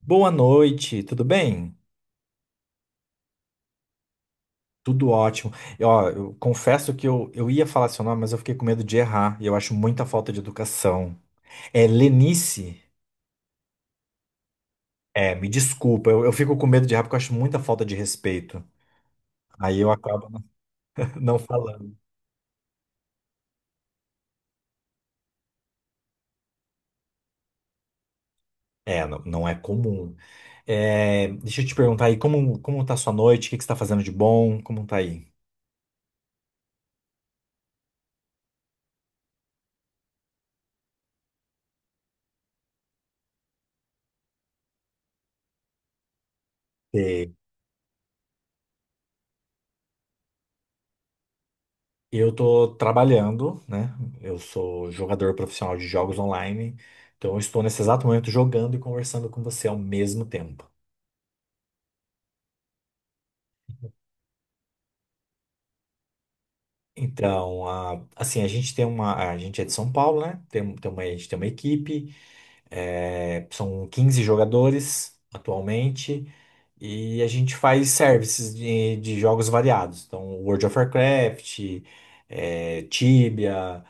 Boa noite, tudo bem? Tudo ótimo. E, ó, eu confesso que eu ia falar seu nome, mas eu fiquei com medo de errar. E eu acho muita falta de educação. É Lenice? É, me desculpa, eu fico com medo de errar porque eu acho muita falta de respeito. Aí eu acabo não falando. É, não, não é comum. É, deixa eu te perguntar aí, como, como tá a sua noite? O que que você tá fazendo de bom? Como tá aí? Eu tô trabalhando, né? Eu sou jogador profissional de jogos online, então eu estou nesse exato momento jogando e conversando com você ao mesmo tempo. Então, assim, a gente tem uma. A gente é de São Paulo, né? A gente tem uma equipe, são 15 jogadores atualmente, e a gente faz services de jogos variados. Então, World of Warcraft, Tibia,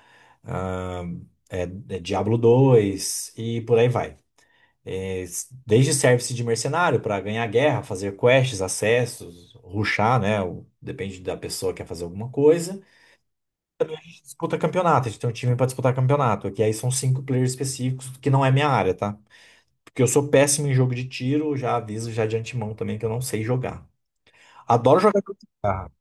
ah, é, é Diablo 2 e por aí vai. É, desde service de mercenário para ganhar guerra, fazer quests, acessos, rushar, né? Depende da pessoa que quer fazer alguma coisa. Disputa campeonato, a gente tem um time para disputar campeonato, que aí são cinco players específicos, que não é minha área, tá? Porque eu sou péssimo em jogo de tiro, já aviso já de antemão também que eu não sei jogar. Adoro jogar com guitarra.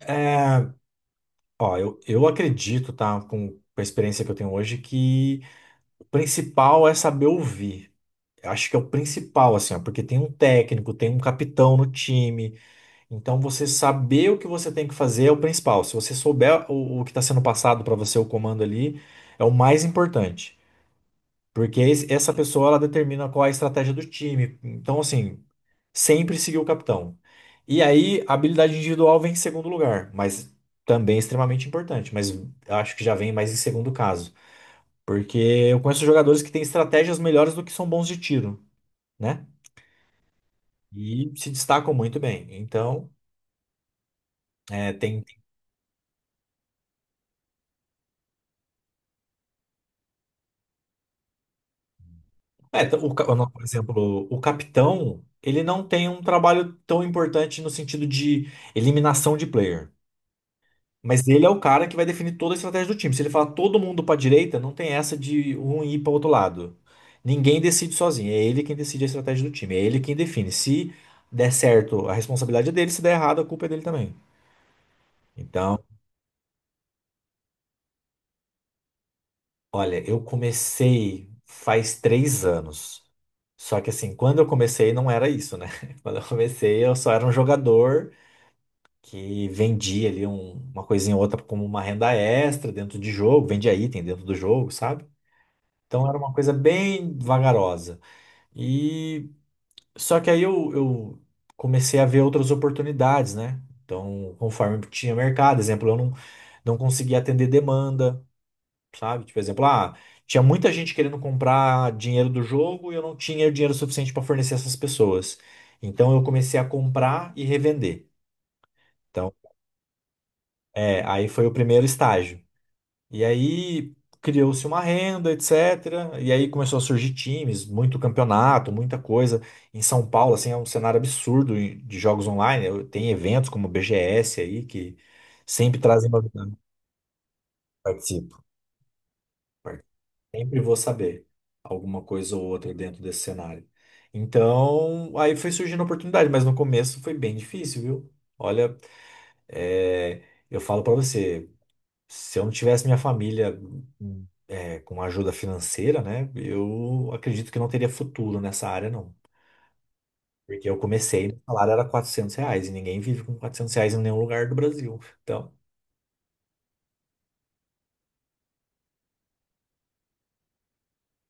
É, ó, eu acredito, tá? Com a experiência que eu tenho hoje, que o principal é saber ouvir. Acho que é o principal, assim, ó, porque tem um técnico, tem um capitão no time. Então, você saber o que você tem que fazer é o principal. Se você souber o que está sendo passado para você, o comando ali, é o mais importante. Porque essa pessoa, ela determina qual é a estratégia do time. Então, assim, sempre seguir o capitão. E aí, a habilidade individual vem em segundo lugar, mas também é extremamente importante. Mas acho que já vem mais em segundo caso. Porque eu conheço jogadores que têm estratégias melhores do que são bons de tiro. Né? E se destacam muito bem. Então, é, tem. Não, por exemplo, o capitão, ele não tem um trabalho tão importante no sentido de eliminação de player. Mas ele é o cara que vai definir toda a estratégia do time. Se ele falar todo mundo para direita, não tem essa de um ir para outro lado. Ninguém decide sozinho. É ele quem decide a estratégia do time. É ele quem define. Se der certo, a responsabilidade é dele. Se der errado, a culpa é dele também. Então, olha, eu comecei faz 3 anos. Só que assim, quando eu comecei não era isso, né? Quando eu comecei, eu só era um jogador que vendia ali uma coisinha ou outra como uma renda extra dentro de jogo, vendia item dentro do jogo, sabe? Então era uma coisa bem vagarosa. E só que aí eu comecei a ver outras oportunidades, né? Então, conforme tinha mercado, exemplo, eu não, não conseguia atender demanda. Sabe? Tipo, exemplo, tinha muita gente querendo comprar dinheiro do jogo e eu não tinha dinheiro suficiente para fornecer essas pessoas. Então eu comecei a comprar e revender. Então, é, aí foi o primeiro estágio. E aí criou-se uma renda, etc. E aí começou a surgir times, muito campeonato, muita coisa. Em São Paulo, assim, é um cenário absurdo de jogos online. Tem eventos como o BGS aí que sempre trazem novidade. Participo. Sempre vou saber alguma coisa ou outra dentro desse cenário. Então, aí foi surgindo a oportunidade, mas no começo foi bem difícil, viu? Olha, é, eu falo pra você, se eu não tivesse minha família com ajuda financeira, né, eu acredito que não teria futuro nessa área, não. Porque eu comecei, o salário era R$ 400 e ninguém vive com R$ 400 em nenhum lugar do Brasil. Então,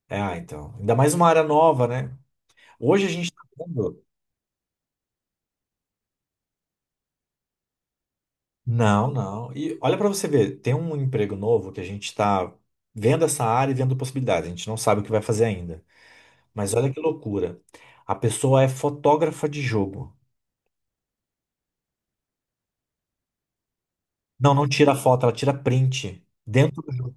então, ainda mais uma área nova, né? Hoje a gente tá vendo. Não, não. E olha para você ver, tem um emprego novo que a gente está vendo essa área e vendo possibilidades. A gente não sabe o que vai fazer ainda. Mas olha que loucura. A pessoa é fotógrafa de jogo. Não, não tira foto, ela tira print. Dentro do jogo.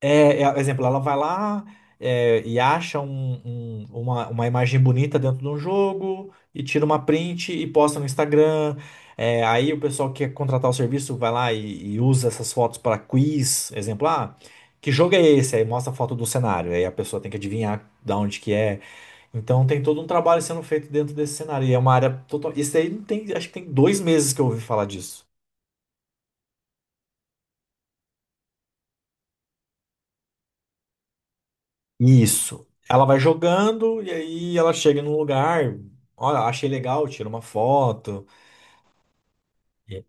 É, é, exemplo, ela vai lá e acha uma imagem bonita dentro de um jogo e tira uma print e posta no Instagram. É, aí o pessoal que quer contratar o serviço vai lá e usa essas fotos para quiz. Exemplo, que jogo é esse? Aí mostra a foto do cenário. Aí a pessoa tem que adivinhar de onde que é. Então tem todo um trabalho sendo feito dentro desse cenário. E é uma área total. Isso aí não tem, acho que tem 2 meses que eu ouvi falar disso. Isso. Ela vai jogando e aí ela chega num lugar, olha, achei legal, tira uma foto. E,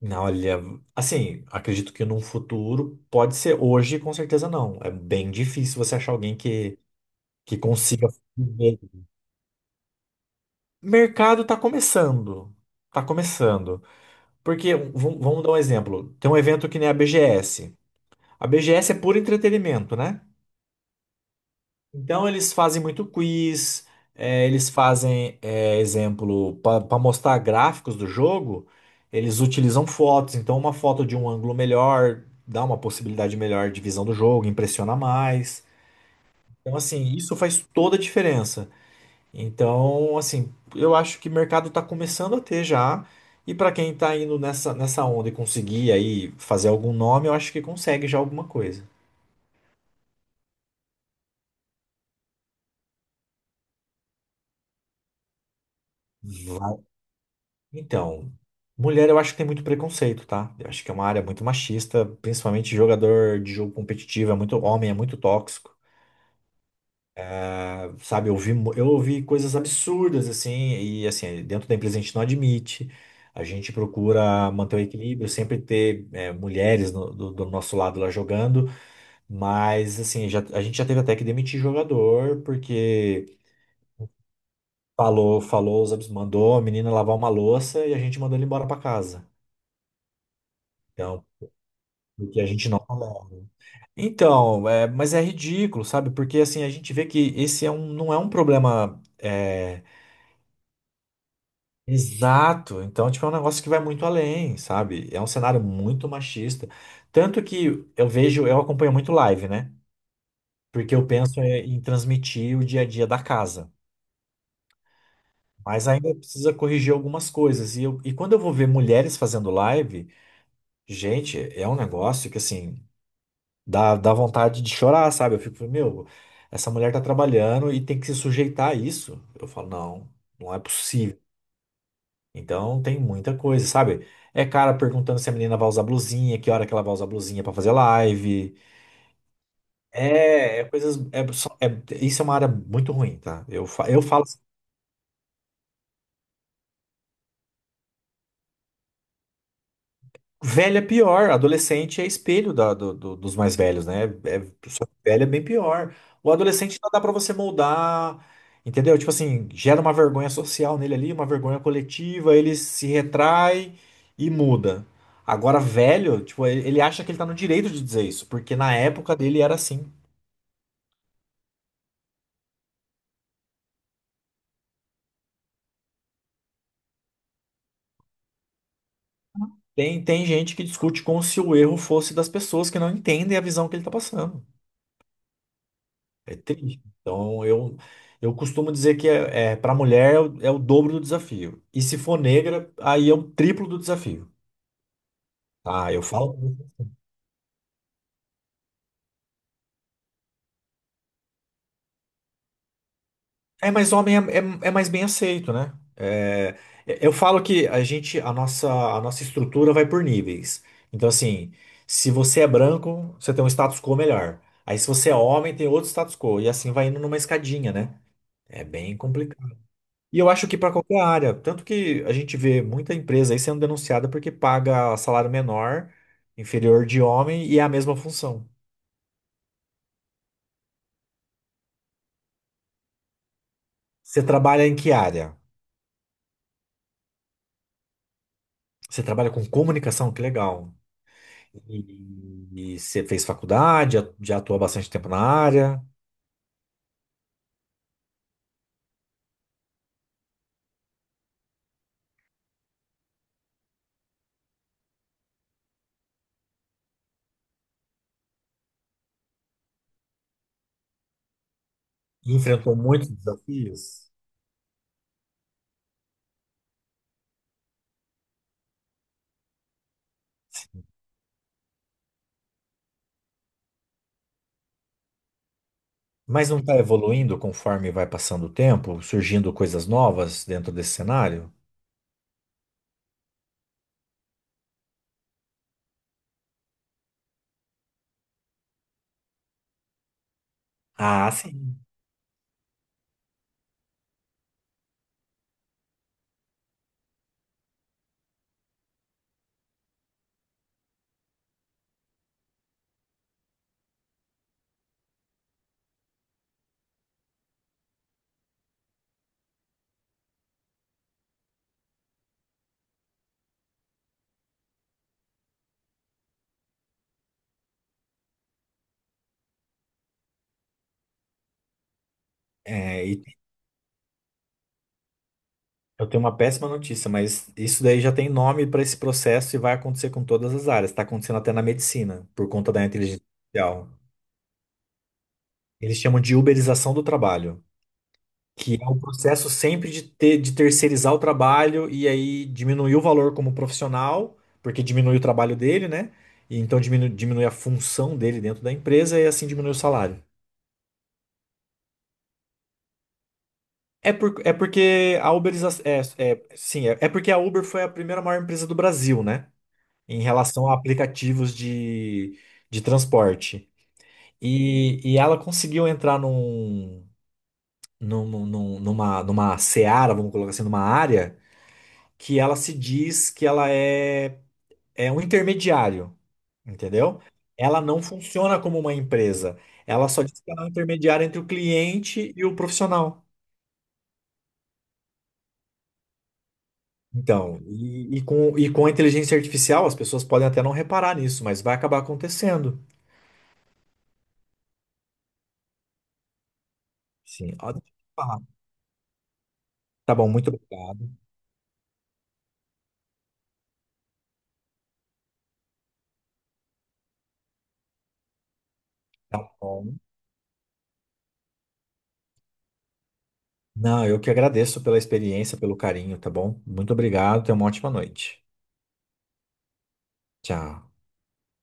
não, olha, assim, acredito que num futuro pode ser hoje, com certeza não. É bem difícil você achar alguém que consiga viver. Mercado tá começando. Tá começando. Porque, vamos dar um exemplo. Tem um evento que nem a BGS. A BGS é puro entretenimento, né? Então eles fazem muito quiz, eles fazem, exemplo, para mostrar gráficos do jogo, eles utilizam fotos, então uma foto de um ângulo melhor dá uma possibilidade melhor de visão do jogo, impressiona mais. Então, assim, isso faz toda a diferença. Então, assim, eu acho que o mercado está começando a ter já, e para quem está indo nessa onda e conseguir aí fazer algum nome, eu acho que consegue já alguma coisa. Então, mulher eu acho que tem muito preconceito, tá? Eu acho que é uma área muito machista, principalmente jogador de jogo competitivo, é muito homem, é muito tóxico. Sabe, eu ouvi coisas absurdas, assim, e assim, dentro da empresa a gente não admite. A gente procura manter o equilíbrio, sempre ter mulheres do nosso lado lá jogando, mas assim, já, a gente já teve até que demitir jogador, porque mandou a menina lavar uma louça e a gente mandou ele embora pra casa. Então, porque a gente não. Então, é, mas é ridículo, sabe? Porque assim, a gente vê que esse é um, não é um problema exato. Então, tipo, é um negócio que vai muito além, sabe? É um cenário muito machista. Tanto que eu vejo, eu acompanho muito live, né? Porque eu penso em transmitir o dia a dia da casa. Mas ainda precisa corrigir algumas coisas. E quando eu vou ver mulheres fazendo live, gente, é um negócio que assim. Dá vontade de chorar, sabe? Eu fico, meu, essa mulher tá trabalhando e tem que se sujeitar a isso. Eu falo, não, não é possível. Então tem muita coisa, sabe? É cara perguntando se a menina vai usar blusinha, que hora que ela vai usar blusinha pra fazer live. É, é coisas. É, só- é- isso é uma área muito ruim, tá? Eu falo, assim, velho é pior, adolescente é espelho dos mais velhos, né? É velho é bem pior. O adolescente ainda dá pra você moldar, entendeu? Tipo assim, gera uma vergonha social nele ali, uma vergonha coletiva, ele se retrai e muda. Agora, velho, tipo, ele acha que ele tá no direito de dizer isso, porque na época dele era assim. Tem, tem gente que discute como se o erro fosse das pessoas que não entendem a visão que ele tá passando. É triste. Então, eu costumo dizer que para mulher é é o dobro do desafio. E se for negra, aí é o triplo do desafio. Tá, eu falo. Mas homem é, é mais bem aceito, né? É, eu falo que a nossa estrutura vai por níveis. Então, assim, se você é branco, você tem um status quo melhor. Aí, se você é homem, tem outro status quo. E assim vai indo numa escadinha, né? É bem complicado. E eu acho que para qualquer área, tanto que a gente vê muita empresa aí sendo denunciada porque paga salário menor, inferior de homem e é a mesma função. Você trabalha em que área? Você trabalha com comunicação? Que legal. E você fez faculdade, já atuou há bastante tempo na área, enfrentou muitos desafios, mas não está evoluindo conforme vai passando o tempo, surgindo coisas novas dentro desse cenário? Ah, sim. E eu tenho uma péssima notícia, mas isso daí já tem nome para esse processo e vai acontecer com todas as áreas. Está acontecendo até na medicina, por conta da inteligência artificial. Eles chamam de uberização do trabalho. Que é o processo sempre de terceirizar o trabalho e aí diminuir o valor como profissional, porque diminui o trabalho dele, né? E então diminui a função dele dentro da empresa e assim diminui o salário. É, por, é porque a Uber, é, é, sim, é, é porque a Uber foi a primeira maior empresa do Brasil, né? Em relação a aplicativos de transporte. E ela conseguiu entrar numa seara, vamos colocar assim, numa área que ela se diz é um intermediário, entendeu? Ela não funciona como uma empresa. Ela só diz que ela é um intermediário entre o cliente e o profissional. Então, e com a inteligência artificial, as pessoas podem até não reparar nisso, mas vai acabar acontecendo. Sim, ó, deixa eu falar. Tá bom, muito obrigado. Tá bom. Não, eu que agradeço pela experiência, pelo carinho, tá bom? Muito obrigado, tenha uma ótima noite. Tchau.